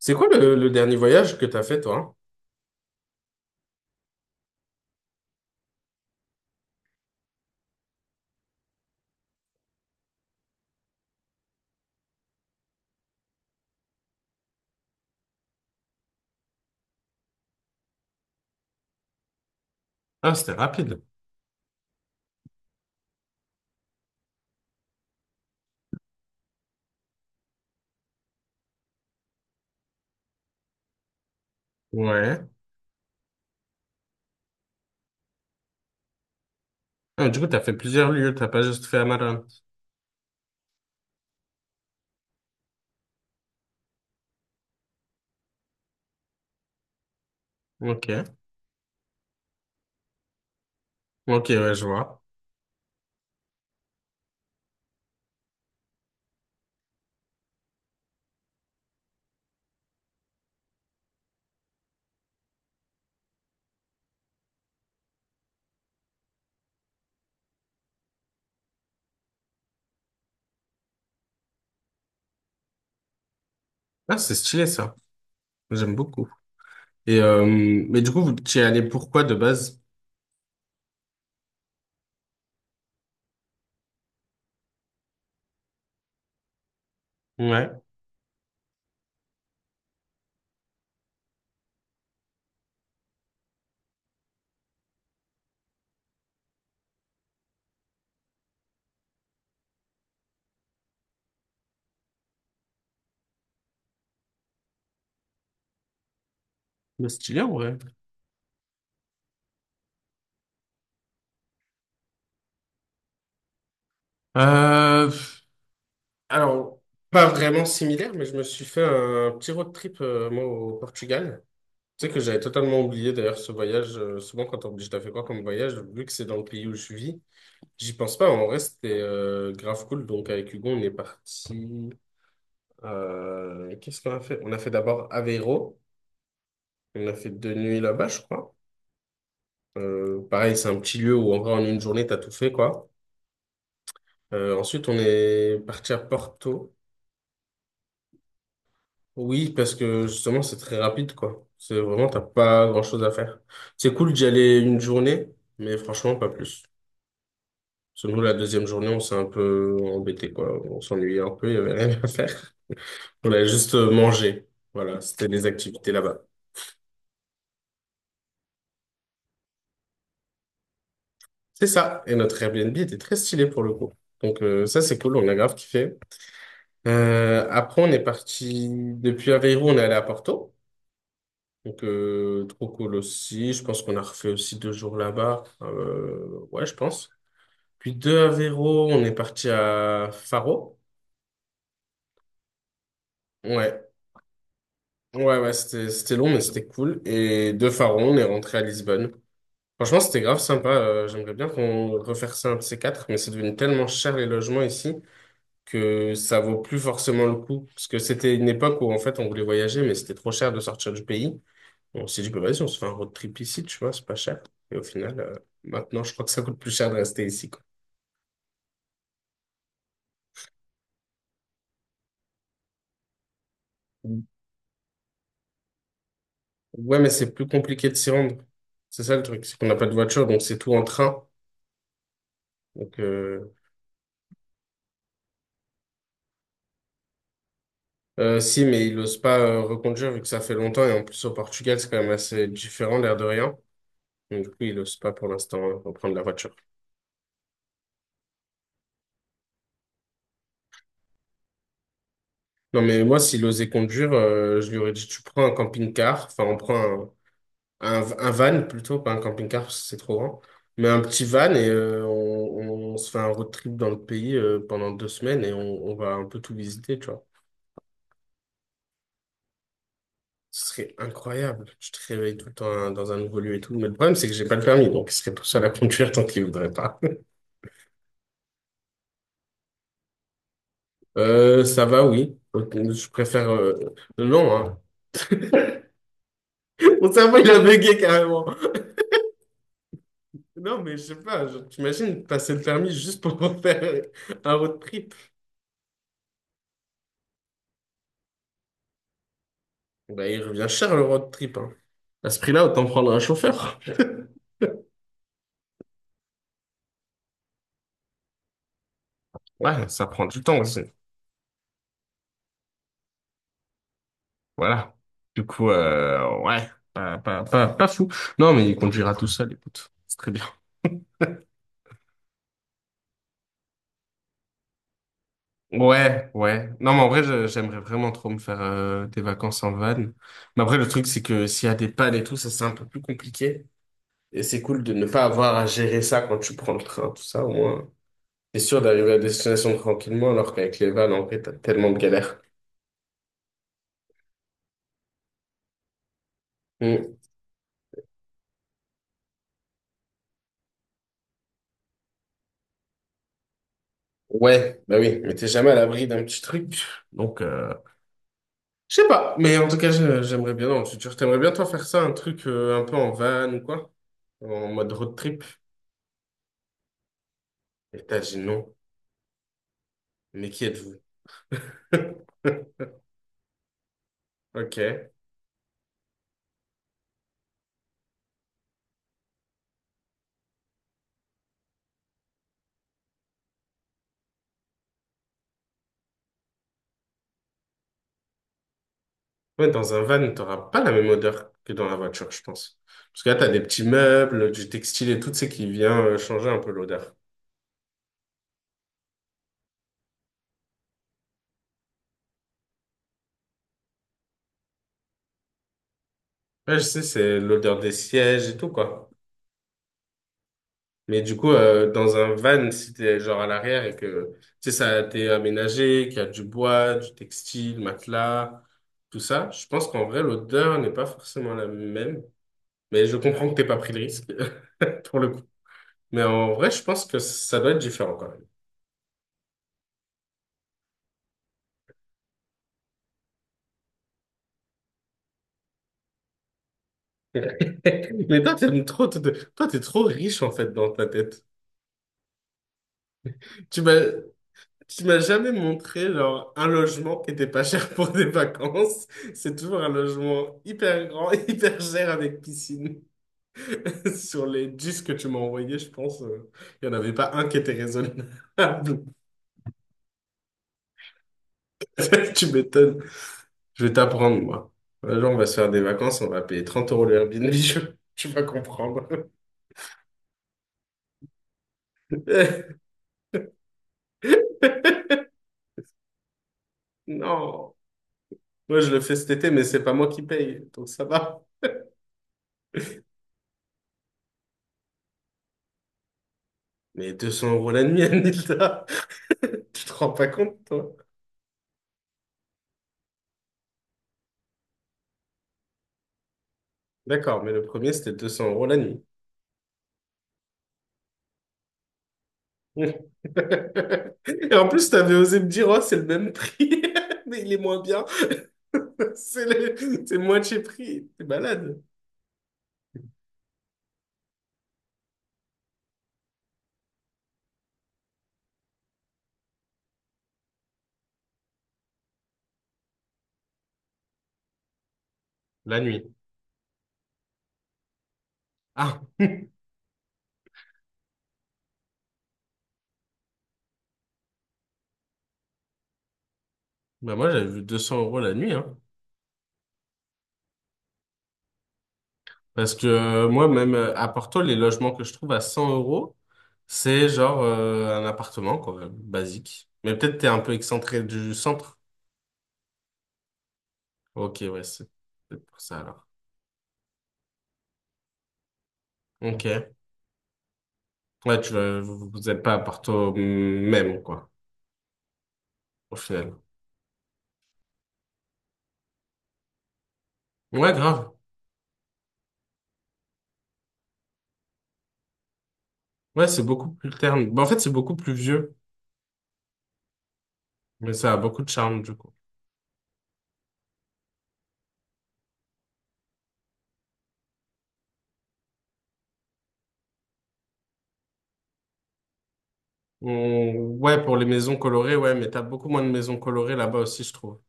C'est quoi le dernier voyage que t'as fait, toi? Ah, c'était rapide. Ouais. Ah, du coup, t'as fait plusieurs lieux, t'as pas juste fait Amarante. Ok. Ok, ouais, je vois. Ah, c'est stylé, ça. J'aime beaucoup. Et, mais du coup, vous t'y es allé pourquoi de base? Ouais. Mais stylé, en vrai. Euh, alors, pas vraiment similaire, mais je me suis fait un petit road trip, moi, au Portugal. Tu sais que j'avais totalement oublié, d'ailleurs, ce voyage. Souvent, quand on me dit, je t'as fait quoi comme voyage, vu que c'est dans le pays où je vis. J'y pense pas, en vrai, c'était grave cool. Donc, avec Hugo, on est parti. Qu'est-ce qu'on a fait? On a fait d'abord Aveiro. On a fait 2 nuits là-bas, je crois. Pareil, c'est un petit lieu où, en vrai, en une journée, t'as tout fait, quoi. Ensuite, on est parti à Porto. Oui, parce que justement, c'est très rapide, quoi. C'est vraiment, t'as pas grand-chose à faire. C'est cool d'y aller une journée, mais franchement, pas plus. Parce que nous, la deuxième journée, on s'est un peu embêté, quoi. On s'ennuyait un peu, il y avait rien à faire. On a juste mangé. Voilà, c'était les activités là-bas. C'est ça. Et notre Airbnb était très stylé pour le coup. Donc, ça, c'est cool, on a grave kiffé. Après, on est parti depuis Aveiro, on est allé à Porto. Donc, trop cool aussi. Je pense qu'on a refait aussi 2 jours là-bas. Ouais, je pense. Puis de Aveiro, on est parti à Faro. Ouais, ouais, ouais, c'était long, mais c'était cool. Et de Faro, on est rentré à Lisbonne. Franchement, c'était grave sympa. J'aimerais bien qu'on refaire ça un de ces quatre, mais c'est devenu tellement cher les logements ici que ça vaut plus forcément le coup. Parce que c'était une époque où en fait on voulait voyager, mais c'était trop cher de sortir du pays. On s'est dit, bah, vas-y, on se fait un road trip ici, tu vois, c'est pas cher. Et au final, maintenant, je crois que ça coûte plus cher de rester ici, quoi. Ouais, mais c'est plus compliqué de s'y rendre. C'est ça le truc, c'est qu'on n'a pas de voiture, donc c'est tout en train. Donc, si, mais il n'ose pas reconduire vu que ça fait longtemps et en plus au Portugal, c'est quand même assez différent, l'air de rien. Mais du coup, il n'ose pas pour l'instant hein, reprendre la voiture. Non, mais moi, s'il osait conduire, je lui aurais dit, tu prends un camping-car, enfin, on prend un van plutôt, pas un camping-car, parce que c'est trop grand, mais un petit van et on se fait un road trip dans le pays pendant 2 semaines et on va un peu tout visiter, tu vois. Ce serait incroyable. Tu te réveilles tout le temps hein, dans un nouveau lieu et tout. Mais le problème, c'est que j'ai pas le permis, donc il serait tout seul à conduire tant qu'il voudrait pas. Ça va, oui. Ok, je préfère... Non, hein. Mon cerveau, il a bugué carrément. Non, mais je sais pas, t'imagines passer le permis juste pour faire un road trip. Bah, il revient cher le road trip, hein. À ce prix-là, autant prendre un chauffeur. Ouais, ça prend du temps aussi. Voilà. Du coup, ouais, pas fou. Non, mais il conduira tout seul, écoute. C'est très bien. Ouais, ouais. Non, mais en vrai, j'aimerais vraiment trop me faire des vacances en van. Mais après, le truc, c'est que s'il y a des pannes et tout, ça, c'est un peu plus compliqué. Et c'est cool de ne pas avoir à gérer ça quand tu prends le train, tout ça, au moins. T'es sûr d'arriver à destination tranquillement alors qu'avec les vannes, en vrai, t'as tellement de galères. Hmm. Ouais, bah oui, mais t'es jamais à l'abri d'un petit truc. Donc, je sais pas, mais en tout cas, j'aimerais bien, dans le futur, t'aimerais bien toi faire ça, un truc un peu en van ou quoi? En mode road trip? Et t'as dit non. Mais qui êtes-vous? Ok. Ouais, dans un van, t'auras pas la même odeur que dans la voiture, je pense. Parce que là, t'as des petits meubles, du textile et tout, tu sais, qui vient changer un peu l'odeur. Ouais, je sais, c'est l'odeur des sièges et tout, quoi. Mais du coup, dans un van, si t'es genre à l'arrière et que, tu sais, ça a été aménagé, qu'il y a du bois, du textile, matelas, tout ça, je pense qu'en vrai, l'odeur n'est pas forcément la même. Mais je comprends que t'aies pas pris le risque, pour le coup. Mais en vrai, je pense que ça doit être différent quand même. Mais toi, t'aimes trop, toi, t'es trop riche en fait dans ta tête. Tu m'as, tu m'as jamais montré genre un logement qui était pas cher pour des vacances. C'est toujours un logement hyper grand, hyper cher avec piscine. Sur les 10 que tu m'as envoyés, je pense, il n'y en avait pas un qui était raisonnable. Tu m'étonnes. Je vais t'apprendre, moi. Un jour, on va se faire des vacances, on va payer 30 € le Airbnb, tu vas comprendre. Non, moi je le fais cet été, mais c'est pas moi qui paye, donc ça va. Mais 200 € la nuit, Anilda, tu te rends pas compte, toi? D'accord, mais le premier, c'était 200 € la nuit. Et en plus, t'avais osé me dire, oh, c'est le même prix, mais il est moins bien. C'est le... c'est le moitié prix. T'es malade. La nuit. Ah, bah moi j'avais vu 200 € la nuit, hein. Parce que moi, même à Porto, les logements que je trouve à 100 euros, c'est genre un appartement, quoi, basique. Mais peut-être t'es un peu excentré du centre. Ok, ouais, c'est peut-être pour ça alors. Ok. Ouais, vous vous êtes pas à Porto même, quoi, au final. Ouais, grave. Ouais, c'est beaucoup plus terne. Bah, en fait, c'est beaucoup plus vieux, mais ça a beaucoup de charme, du coup. Ouais, pour les maisons colorées, ouais, mais t'as beaucoup moins de maisons colorées là-bas aussi, je trouve.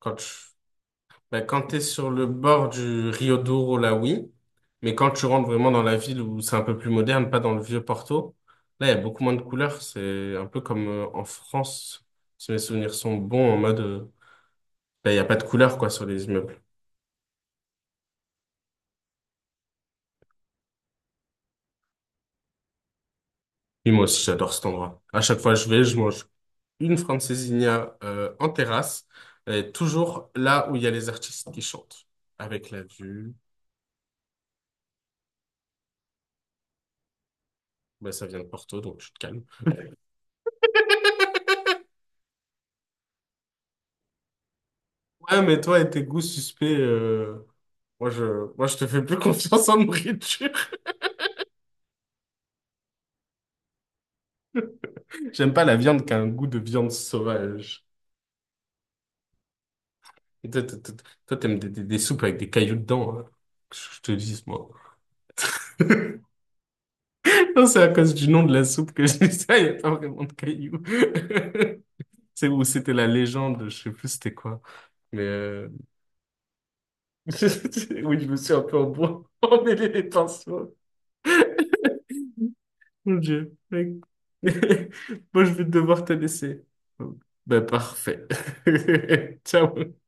Quand tu... ben, quand t'es sur le bord du Rio Douro, là, oui. Mais quand tu rentres vraiment dans la ville où c'est un peu plus moderne, pas dans le vieux Porto, là, il y a beaucoup moins de couleurs. C'est un peu comme en France, si mes souvenirs sont bons, en mode, ben, il n'y a pas de couleurs, quoi, sur les immeubles. Et moi aussi, j'adore cet endroit. À chaque fois que je vais, je mange une francesinha en terrasse, et toujours là où il y a les artistes qui chantent, avec la vue. Bah, ça vient de Porto, donc tu te calmes. Ouais, mais toi et tes goûts suspects, moi, je te fais plus confiance en nourriture. J'aime pas la viande qui a un goût de viande sauvage. Et toi, t'aimes des soupes avec des cailloux dedans, hein. Que je te dis, moi. Non, c'est à cause du nom de la soupe que je dis ça, il n'y a pas vraiment de cailloux. C'est où c'était la légende, je sais plus c'était quoi. Mais oui, je me suis un peu emmêlé les pinceaux. Mon Dieu, mec. Moi, je vais devoir te laisser. Bon, ben, parfait. Ciao.